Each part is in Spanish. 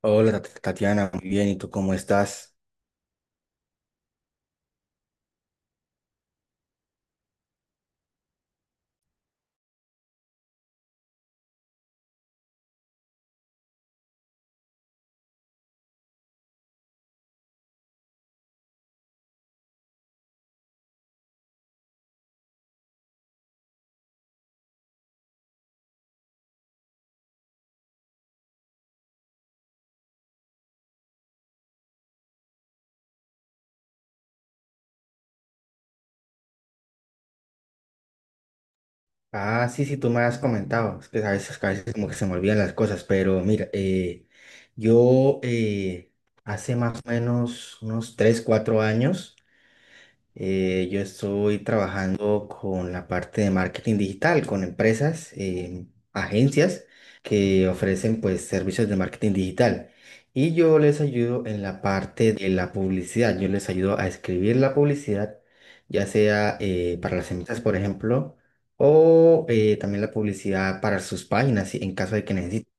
Hola Tatiana, muy bien, ¿y tú cómo estás? Ah, sí, sí, tú me has comentado, es que a veces como que se me olvidan las cosas, pero mira, yo hace más o menos unos 3 4 años. Yo estoy trabajando con la parte de marketing digital, con empresas, agencias que ofrecen pues servicios de marketing digital. Y yo les ayudo en la parte de la publicidad. Yo les ayudo a escribir la publicidad, ya sea para las empresas, por ejemplo, o también la publicidad para sus páginas, en caso de que necesiten.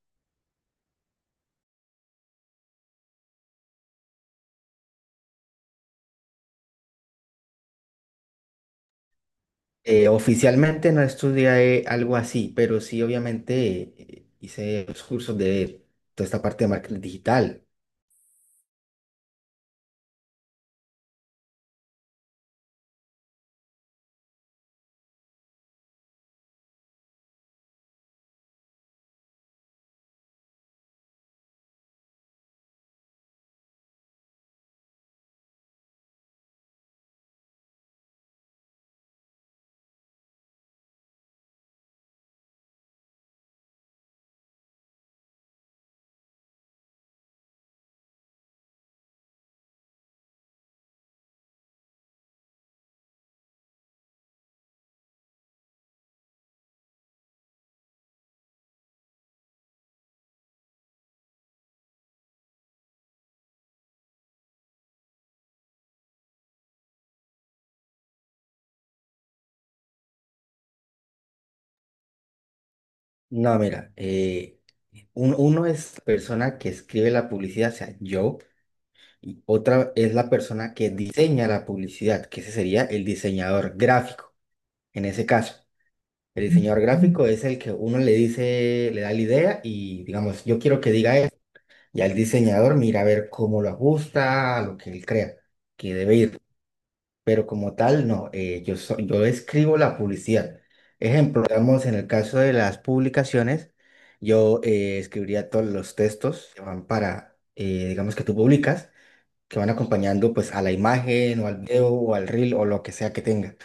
Oficialmente no estudié algo así, pero sí, obviamente, hice los cursos de toda esta parte de marketing digital. No, mira, uno es la persona que escribe la publicidad, o sea, yo, y otra es la persona que diseña la publicidad, que ese sería el diseñador gráfico, en ese caso. El diseñador gráfico es el que uno le dice, le da la idea y, digamos, yo quiero que diga esto. Ya el diseñador mira a ver cómo lo ajusta a lo que él crea que debe ir. Pero como tal, no, yo escribo la publicidad. Ejemplo, digamos, en el caso de las publicaciones, yo escribiría todos los textos que van para, digamos, que tú publicas, que van acompañando pues a la imagen o al video o al reel o lo que sea que tenga.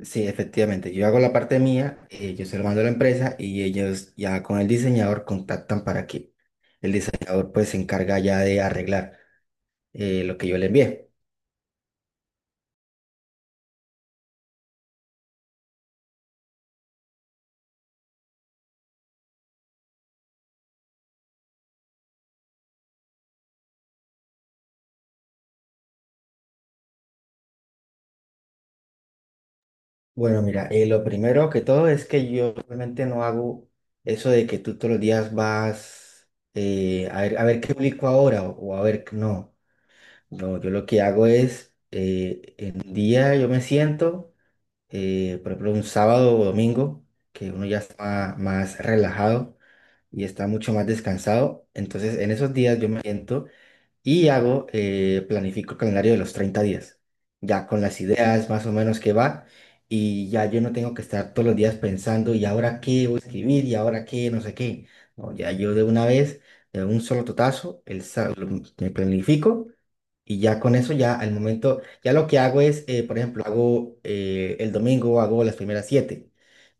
Sí, efectivamente, yo hago la parte mía, yo se lo mando a la empresa y ellos ya con el diseñador contactan para que el diseñador pues se encarga ya de arreglar lo que yo le envié. Bueno, mira, lo primero que todo es que yo realmente no hago eso de que tú todos los días vas a ver qué publico ahora o a ver, no, no, yo lo que hago es, en un día yo me siento, por ejemplo, un sábado o domingo, que uno ya está más relajado y está mucho más descansado, entonces en esos días yo me siento y hago, planifico el calendario de los 30 días, ya con las ideas más o menos que va, y ya yo no tengo que estar todos los días pensando, y ahora qué voy a escribir, y ahora qué, no sé qué. No, ya yo de una vez, de un solo totazo, me planifico y ya con eso, ya al momento, ya lo que hago es, por ejemplo, hago el domingo, hago las primeras siete.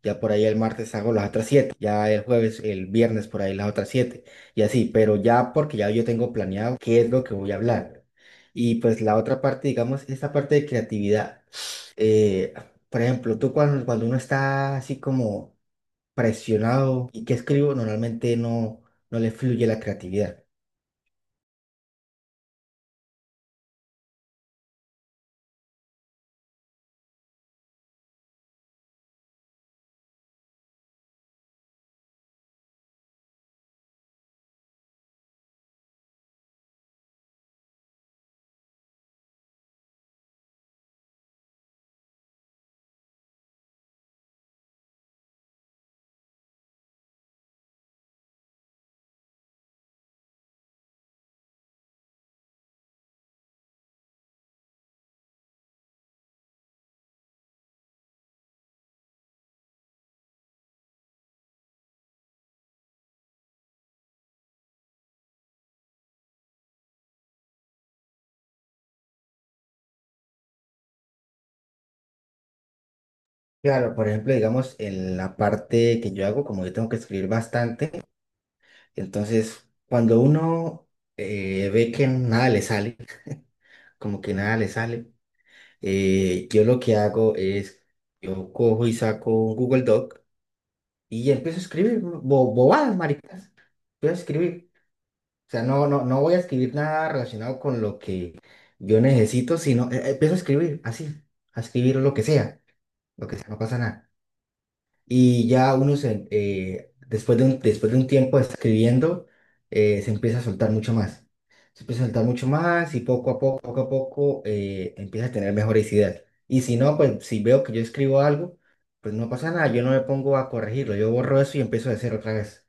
Ya por ahí el martes hago las otras siete. Ya el jueves, el viernes por ahí las otras siete. Y así, pero ya porque ya yo tengo planeado qué es lo que voy a hablar. Y pues la otra parte, digamos, esta parte de creatividad. eh, por ejemplo, tú cuando, cuando uno está así como presionado y que escribo, normalmente no, no le fluye la creatividad. Claro, por ejemplo, digamos, en la parte que yo hago, como yo tengo que escribir bastante, entonces cuando uno ve que nada le sale, como que nada le sale, yo lo que hago es, yo cojo y saco un Google Doc y empiezo a escribir bobadas, maricas, empiezo a escribir. O sea, no, no, no voy a escribir nada relacionado con lo que yo necesito, sino empiezo a escribir así, a escribir lo que sea, no pasa nada. Y ya uno se, después de un tiempo de estar escribiendo, se empieza a soltar mucho más. Se empieza a soltar mucho más y poco a poco, empieza a tener mejores ideas. Y si no, pues si veo que yo escribo algo, pues no pasa nada, yo no me pongo a corregirlo, yo borro eso y empiezo de cero otra vez.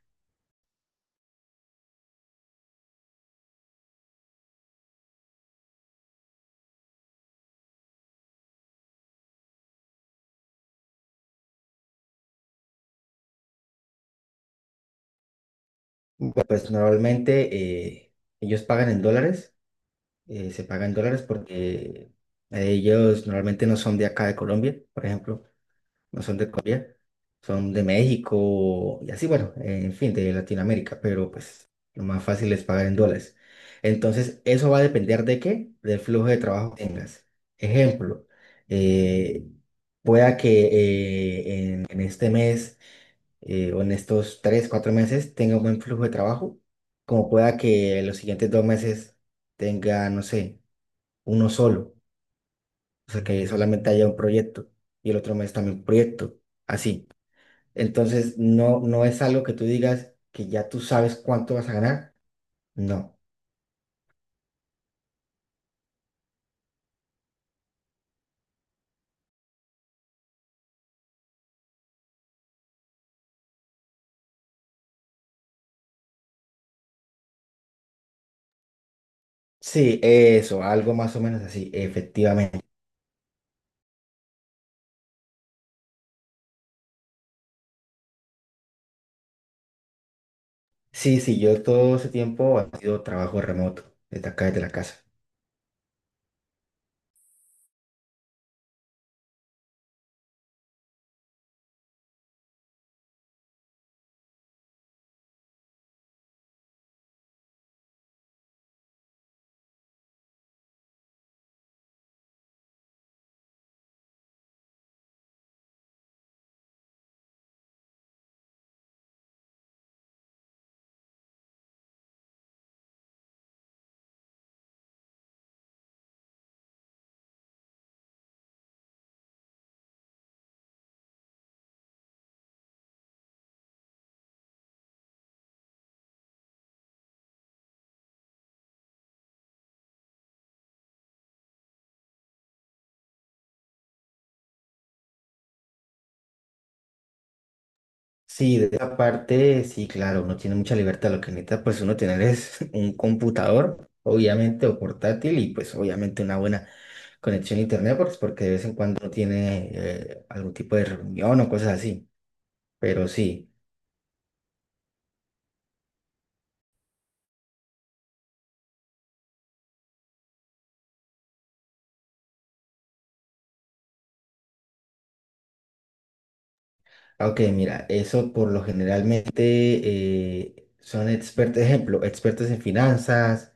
Bueno, pues normalmente eh, ellos pagan en dólares, se pagan en dólares porque ellos normalmente no son de acá de Colombia, por ejemplo. No son de Colombia, son de México y así, bueno, en fin, de Latinoamérica, pero pues lo más fácil es pagar en dólares. Entonces, eso va a depender de qué, del flujo de trabajo que tengas. Ejemplo, eh, pueda que en este mes o en estos 3, 4 meses tenga un buen flujo de trabajo, como pueda que los siguientes 2 meses tenga, no sé, uno solo, o sea, que solamente haya un proyecto y el otro mes también un proyecto, así. Entonces, no, no es algo que tú digas que ya tú sabes cuánto vas a ganar. No. Sí, eso, algo más o menos así, efectivamente. Sí, sí, yo todo ese tiempo ha sido trabajo remoto, desde acá, desde la casa. Sí, de esa parte, sí, claro, uno tiene mucha libertad. Lo que necesita, pues, uno tener es un computador, obviamente, o portátil, y pues, obviamente, una buena conexión a internet, pues, porque de vez en cuando uno tiene algún tipo de reunión o cosas así. Pero sí. Ok, mira, eso por lo generalmente son expertos, ejemplo, expertos en finanzas,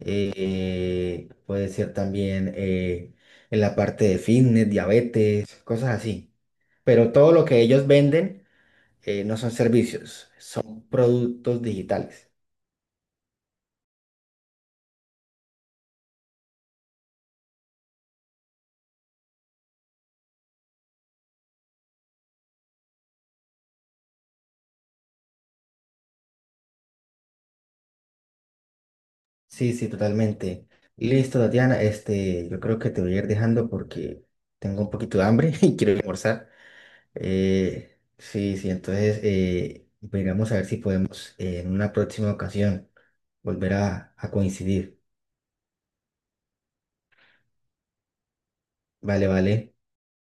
puede ser también en la parte de fitness, diabetes, cosas así. Pero todo lo que ellos venden no son servicios, son productos digitales. Sí, sí, totalmente. Listo, Tatiana, este, yo creo que te voy a ir dejando porque tengo un poquito de hambre y quiero ir a almorzar. Sí, sí, entonces miramos a ver si podemos en una próxima ocasión volver a coincidir. Vale, vale.